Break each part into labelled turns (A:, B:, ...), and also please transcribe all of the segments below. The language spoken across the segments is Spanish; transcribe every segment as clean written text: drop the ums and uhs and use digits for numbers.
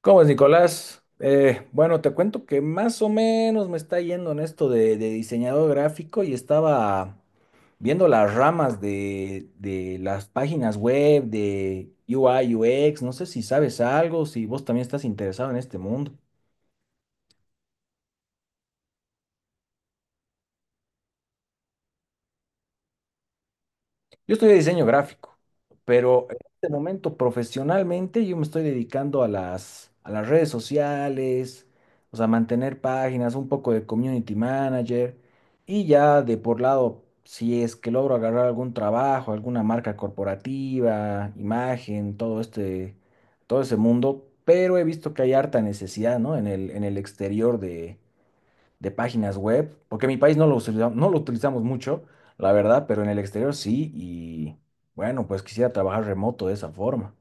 A: ¿Cómo es, Nicolás? Bueno, te cuento que más o menos me está yendo en esto de diseñador gráfico y estaba viendo las ramas de las páginas web, de UI, UX, no sé si sabes algo, si vos también estás interesado en este mundo. Yo estudié diseño gráfico, pero en este momento profesionalmente yo me estoy dedicando a las redes sociales, o sea, mantener páginas, un poco de community manager y ya de por lado, si es que logro agarrar algún trabajo, alguna marca corporativa, imagen, todo este, todo ese mundo, pero he visto que hay harta necesidad, ¿no? En el exterior de páginas web, porque en mi país no lo utilizamos mucho, la verdad, pero en el exterior sí, y bueno, pues quisiera trabajar remoto de esa forma.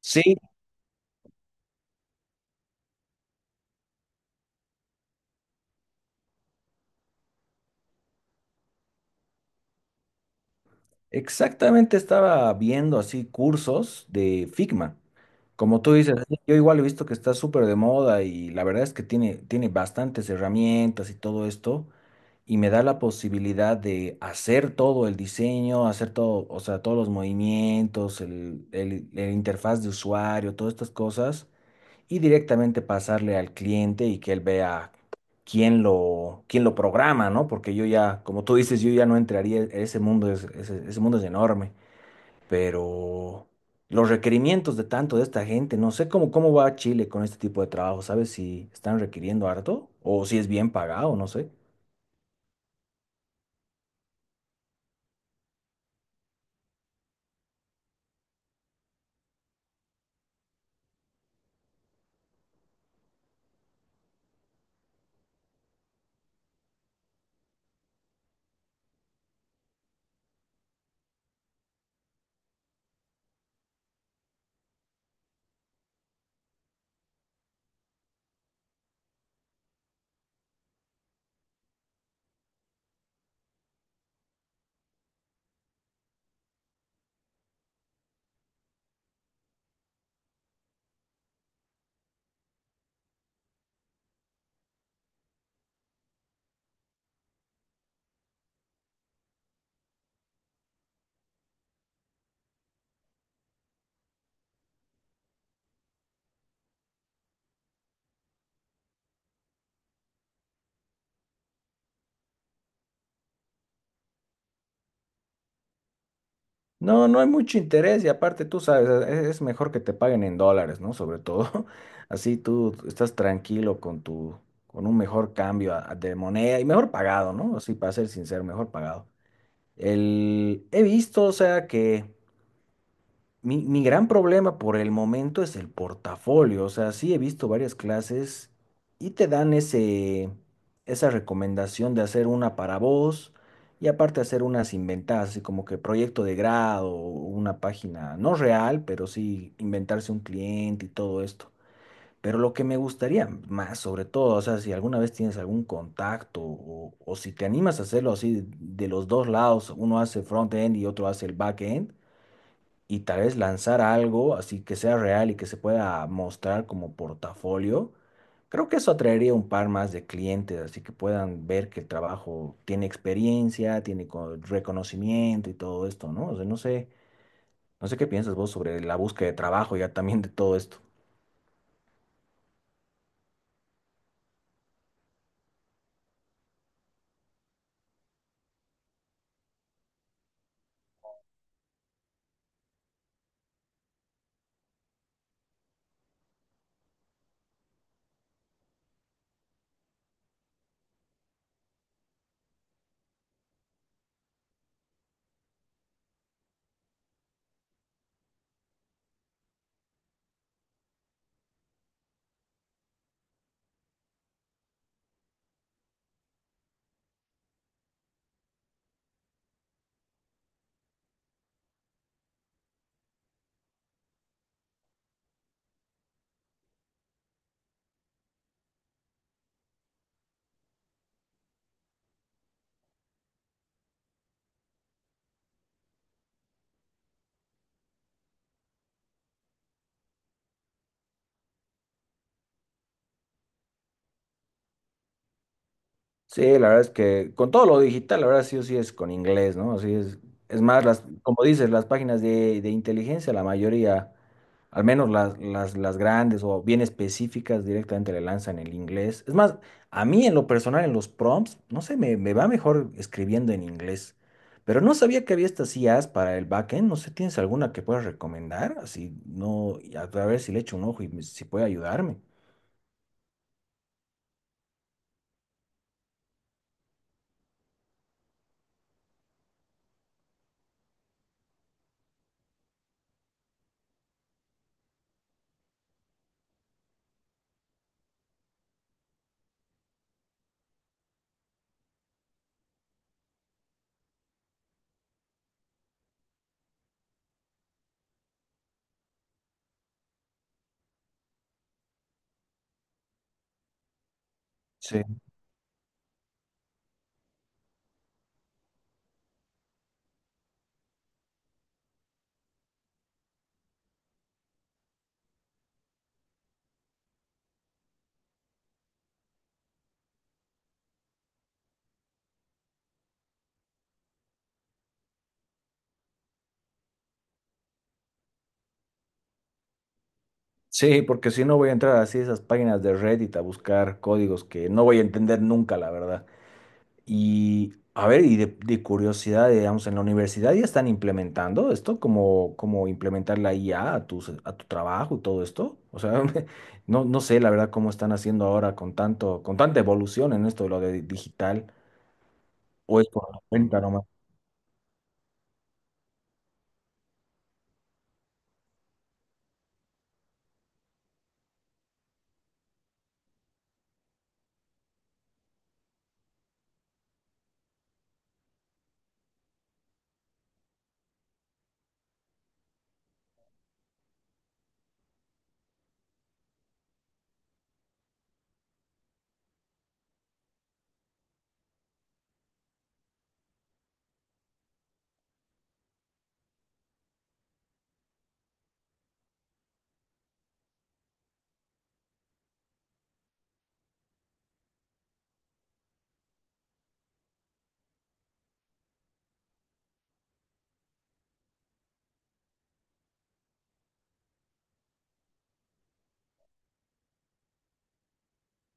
A: Sí, exactamente estaba viendo así cursos de Figma. Como tú dices, sí, yo igual he visto que está súper de moda y la verdad es que tiene, tiene bastantes herramientas y todo esto y me da la posibilidad de hacer todo el diseño, hacer todo, o sea, todos los movimientos, el interfaz de usuario, todas estas cosas y directamente pasarle al cliente y que él vea quién lo programa, ¿no? Porque yo ya, como tú dices, yo ya no entraría, ese mundo es, ese mundo es enorme, pero los requerimientos de tanto de esta gente, no sé cómo, cómo va Chile con este tipo de trabajo, ¿sabes si están requiriendo harto o si es bien pagado? No sé. No, no hay mucho interés y aparte tú sabes, es mejor que te paguen en dólares, ¿no? Sobre todo, así tú estás tranquilo con tu, con un mejor cambio de moneda y mejor pagado, ¿no? Así para ser sincero, mejor pagado. El, he visto, o sea, que mi gran problema por el momento es el portafolio. O sea, sí he visto varias clases y te dan esa recomendación de hacer una para vos y aparte hacer unas inventadas, así como que proyecto de grado, una página no real, pero sí inventarse un cliente y todo esto. Pero lo que me gustaría más, sobre todo, o sea, si alguna vez tienes algún contacto o si te animas a hacerlo así de los dos lados, uno hace front-end y otro hace el back-end y tal vez lanzar algo así que sea real y que se pueda mostrar como portafolio, creo que eso atraería un par más de clientes, así que puedan ver que el trabajo tiene experiencia, tiene reconocimiento y todo esto, ¿no? O sea, no sé, no sé qué piensas vos sobre la búsqueda de trabajo ya también de todo esto. Sí, la verdad es que con todo lo digital, la verdad sí o sí es con inglés, ¿no? Así es más, las, como dices, las páginas de inteligencia, la mayoría, al menos las grandes o bien específicas, directamente le lanzan el inglés. Es más, a mí en lo personal, en los prompts, no sé, me va mejor escribiendo en inglés. Pero no sabía que había estas IAs para el backend, no sé, ¿tienes alguna que puedas recomendar? Así, no, a ver si le echo un ojo y si puede ayudarme. Sí, porque si no voy a entrar así a esas páginas de Reddit a buscar códigos que no voy a entender nunca, la verdad. Y a ver, y de curiosidad, digamos, en la universidad ya están implementando esto, como implementar la IA a tu trabajo y todo esto. O sea, no, no sé la verdad cómo están haciendo ahora con tanto, con tanta evolución en esto de lo de digital, o es por la cuenta.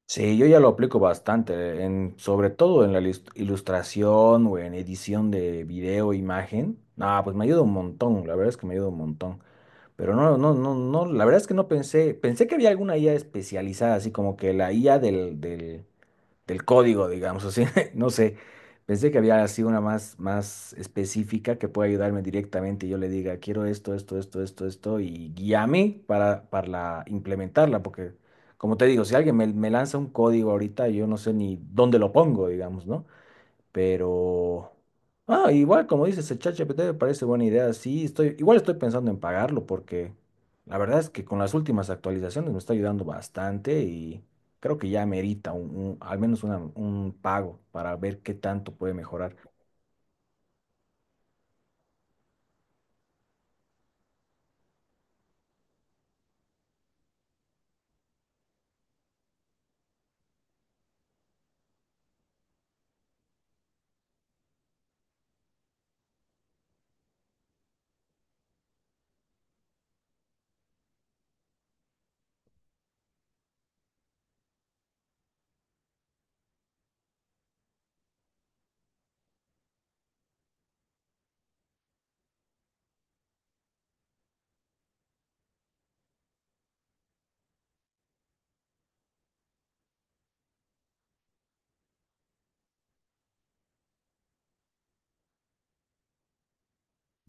A: Sí, yo ya lo aplico bastante, en, sobre todo en la ilustración o en edición de video, imagen. Ah, pues me ayuda un montón, la verdad es que me ayuda un montón. Pero no, no, no, no, la verdad es que no pensé, pensé que había alguna IA especializada, así como que la IA del código, digamos así. No sé, pensé que había sido una más, más específica que pueda ayudarme directamente. Yo le diga, quiero esto, esto, esto, esto, esto, y guíame para implementarla, porque como te digo, si alguien me, me lanza un código ahorita, yo no sé ni dónde lo pongo, digamos, ¿no? Pero, ah, igual como dices, el ChatGPT me parece buena idea. Sí, estoy, igual estoy pensando en pagarlo porque la verdad es que con las últimas actualizaciones me está ayudando bastante y creo que ya merita un pago para ver qué tanto puede mejorar.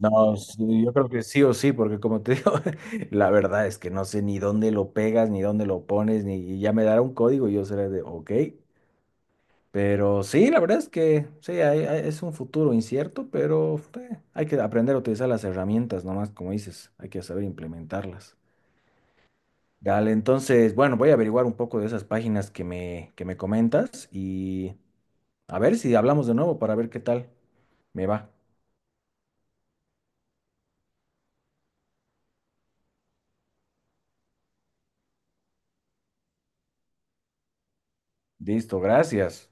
A: No, sí, yo creo que sí o sí, porque como te digo, la verdad es que no sé ni dónde lo pegas, ni dónde lo pones, ni y ya me dará un código y yo seré de, ok. Pero sí, la verdad es que sí, es un futuro incierto, pero hay que aprender a utilizar las herramientas nomás, como dices, hay que saber implementarlas. Dale, entonces, bueno, voy a averiguar un poco de esas páginas que me comentas y a ver si hablamos de nuevo para ver qué tal me va. Listo, gracias.